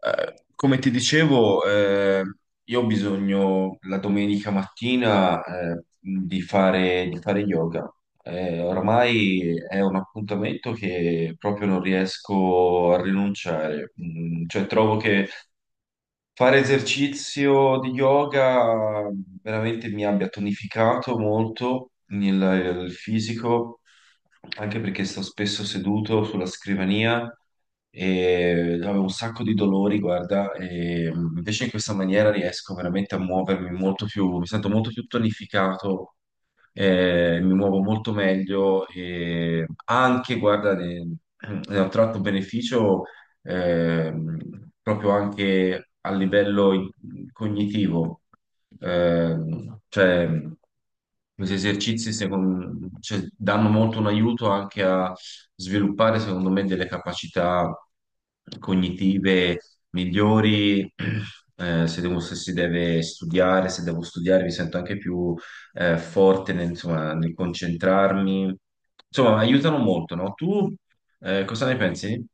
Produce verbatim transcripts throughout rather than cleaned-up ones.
Eh, come ti dicevo, eh, io ho bisogno la domenica mattina, eh, di fare, di fare yoga. Eh, oramai è un appuntamento che proprio non riesco a rinunciare. Mm, cioè, trovo che fare esercizio di yoga veramente mi abbia tonificato molto il, il fisico, anche perché sto spesso seduto sulla scrivania e avevo un sacco di dolori, guarda, e invece in questa maniera riesco veramente a muovermi molto più, mi sento molto più tonificato, eh, mi muovo molto meglio e anche, guarda, ne, ne ho tratto beneficio, ehm, proprio anche a livello in- cognitivo. Ehm, cioè, questi esercizi secondo- cioè, danno molto un aiuto anche a sviluppare, secondo me, delle capacità cognitive migliori. eh, se devo- se si deve studiare, se devo studiare, mi sento anche più eh, forte nel, insomma, nel concentrarmi. Insomma, aiutano molto, no? Tu, eh, cosa ne pensi?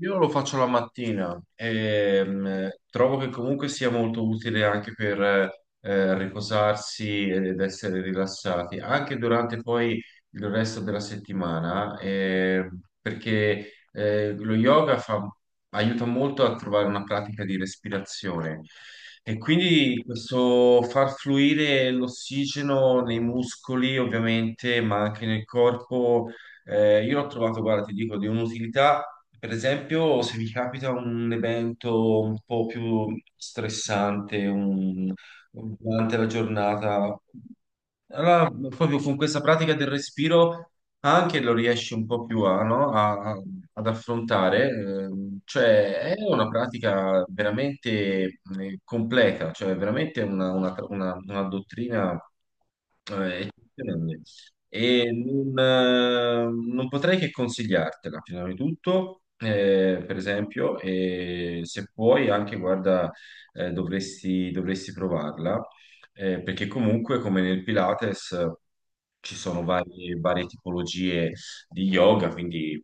Io lo faccio la mattina e mh, trovo che comunque sia molto utile anche per eh, riposarsi ed essere rilassati, anche durante poi il resto della settimana, eh, perché eh, lo yoga fa- aiuta molto a trovare una pratica di respirazione, e quindi questo far fluire l'ossigeno nei muscoli ovviamente, ma anche nel corpo. Eh, io l'ho trovato, guarda, ti dico, di un'utilità, per esempio, se mi capita un evento un po' più stressante un- durante la giornata, allora proprio con questa pratica del respiro anche lo riesci un po' più a, no? a- a- ad affrontare. Ehm, cioè, è una pratica veramente eh, completa, cioè veramente una, una- una- una dottrina eh, eccezionale, e non, eh, non potrei che consigliartela, prima di tutto. Eh, per esempio, e se puoi anche, guarda, eh, dovresti, dovresti provarla, eh, perché comunque, come nel Pilates, ci sono varie, varie tipologie di yoga, quindi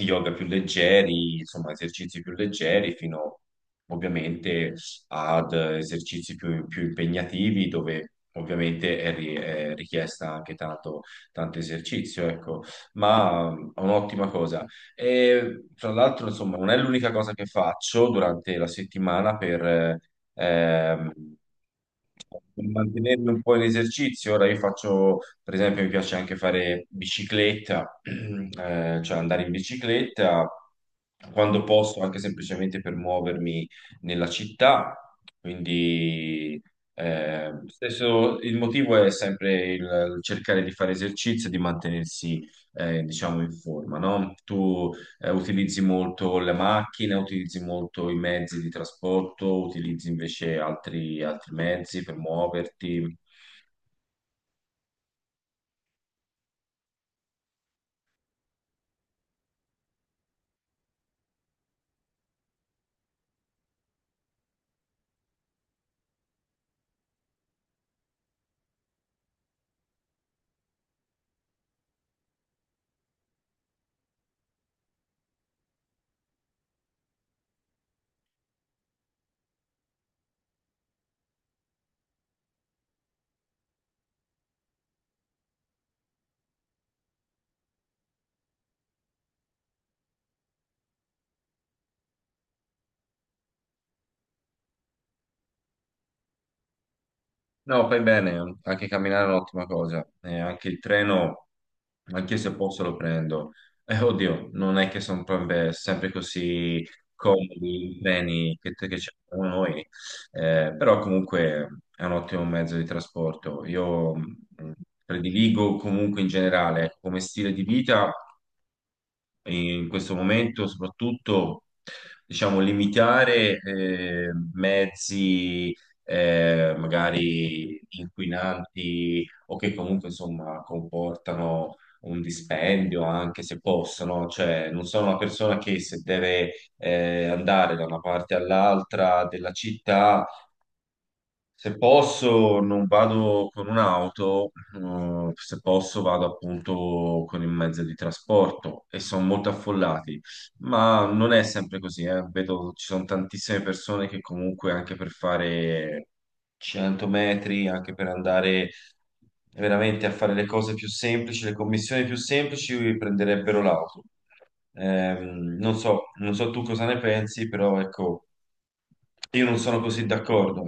yoga più leggeri, insomma, esercizi più leggeri, fino ovviamente ad esercizi più, più impegnativi, dove ovviamente è, ri- è richiesta anche tanto, tanto esercizio, ecco, ma mm, è un'ottima cosa. E tra l'altro, insomma, non è l'unica cosa che faccio durante la settimana per... eh, ehm, per mantenermi un po' in esercizio. Ora io faccio, per esempio, mi piace anche fare bicicletta, eh, cioè andare in bicicletta quando posso, anche semplicemente per muovermi nella città, quindi eh, stesso, il motivo è sempre il, il cercare di fare esercizio e di mantenersi, eh, diciamo, in forma, no? Tu, eh, utilizzi molto le macchine, utilizzi molto i mezzi di trasporto, utilizzi invece altri, altri mezzi per muoverti? No, fai bene, anche camminare è un'ottima cosa, e anche il treno, anche se posso lo prendo. Eh, oddio, non è che sono proprio- sempre così comodi i treni che, che ci abbiamo noi, eh, però comunque è un ottimo mezzo di trasporto. Io, mh, prediligo comunque in generale, ecco, come stile di vita, in questo momento soprattutto, diciamo, limitare eh, mezzi eh, magari inquinanti o che comunque insomma comportano un dispendio, anche se possono. Cioè, non sono una persona che, se deve eh, andare da una parte all'altra della città, se posso, non vado con un'auto; eh, se posso vado appunto con il mezzo di trasporto, e sono molto affollati, ma non è sempre così, eh. Vedo ci sono tantissime persone che comunque, anche per fare cento metri, anche per andare veramente a fare le cose più semplici, le commissioni più semplici, prenderebbero l'auto. Ehm, non so, non so tu cosa ne pensi, però ecco, io non sono così d'accordo.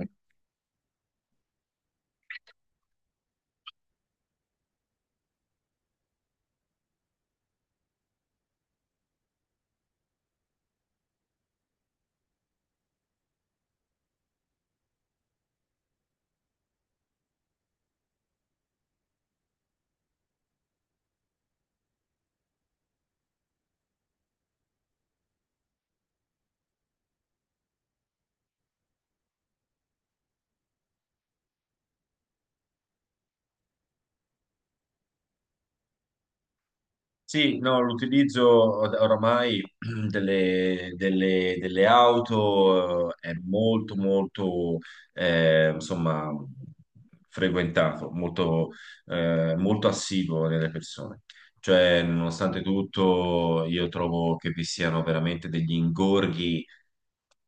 Sì, no, l'utilizzo or- oramai delle, delle- delle auto, eh, è molto, molto, eh, insomma, frequentato, molto, eh, molto assiduo nelle persone. Cioè, nonostante tutto, io trovo che vi siano veramente degli ingorghi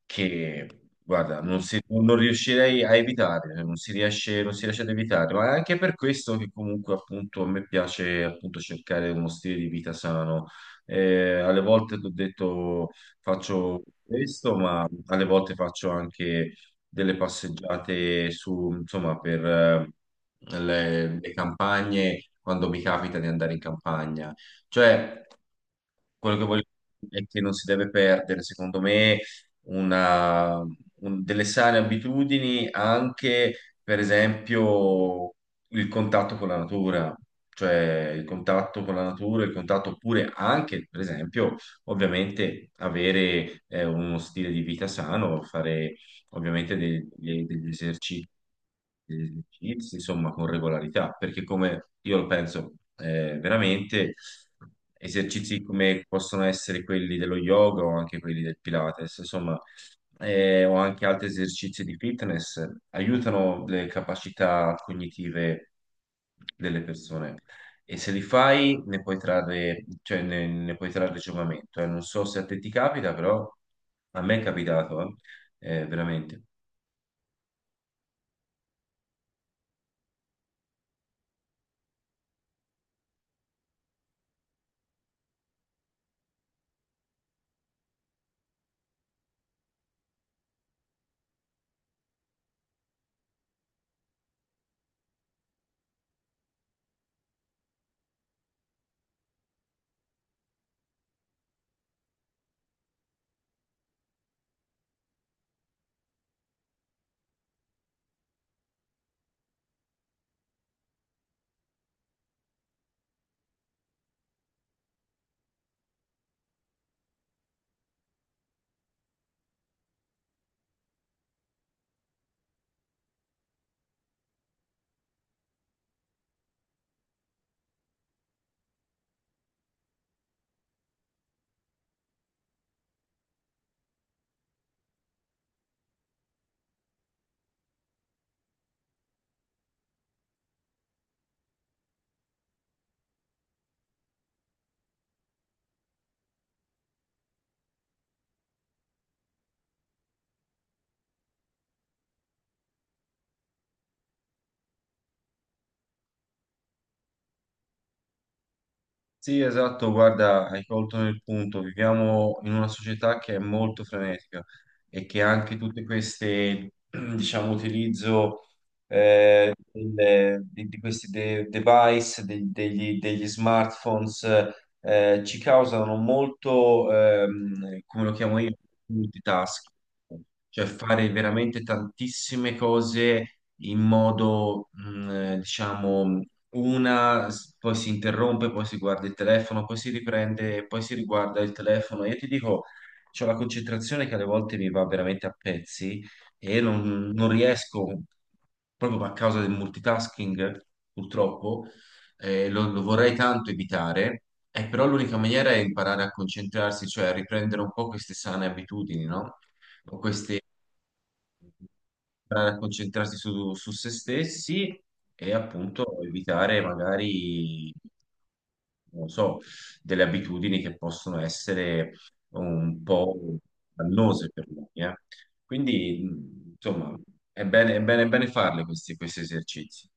che, guarda, non, si- non riuscirei a evitare, non si riesce, non si riesce ad evitare, ma è anche per questo che comunque appunto a me piace appunto cercare uno stile di vita sano. Eh, alle volte ti ho detto faccio questo, ma alle volte faccio anche delle passeggiate su, insomma, per eh, le le campagne, quando mi capita di andare in campagna. Cioè, quello che voglio dire è che non si deve perdere, secondo me, una- un- delle sane abitudini, anche, per esempio, il contatto con la natura, cioè il contatto con la natura, il contatto, oppure anche, per esempio, ovviamente avere eh, uno stile di vita sano, fare ovviamente dei- dei- degli esercizi, degli esercizi, insomma, con regolarità, perché, come io lo penso, eh, veramente esercizi come possono essere quelli dello yoga o anche quelli del Pilates, insomma, eh, o anche altri esercizi di fitness, aiutano le capacità cognitive delle persone. E se li fai, ne puoi trarre, cioè, ne, ne puoi trarre giovamento. eh. Non so se a te ti capita, però a me è capitato. eh. Eh, veramente. Sì, esatto, guarda, hai colto nel punto. Viviamo in una società che è molto frenetica, e che anche tutte queste, diciamo, utilizzo eh, delle- di, di questi de- device, de- degli, degli smartphones, eh, ci causano molto, ehm, come lo chiamo io, multitasking, cioè fare veramente tantissime cose in modo, mh, diciamo, una, s- poi si interrompe, poi si guarda il telefono, poi si riprende, e poi si riguarda il telefono. Io ti dico, c'ho la concentrazione che alle volte mi va veramente a pezzi e non, non riesco, proprio a causa del multitasking, purtroppo, eh, lo, lo vorrei tanto evitare. Eh, però l'unica maniera è imparare a concentrarsi, cioè a riprendere un po' queste sane abitudini, no? Eh, concentrarsi su, su se stessi, e appunto evitare magari, non so, delle abitudini che possono essere un po' dannose per noi, eh. Quindi, mh, insomma, è bene, è bene, è bene farle, questi, questi esercizi.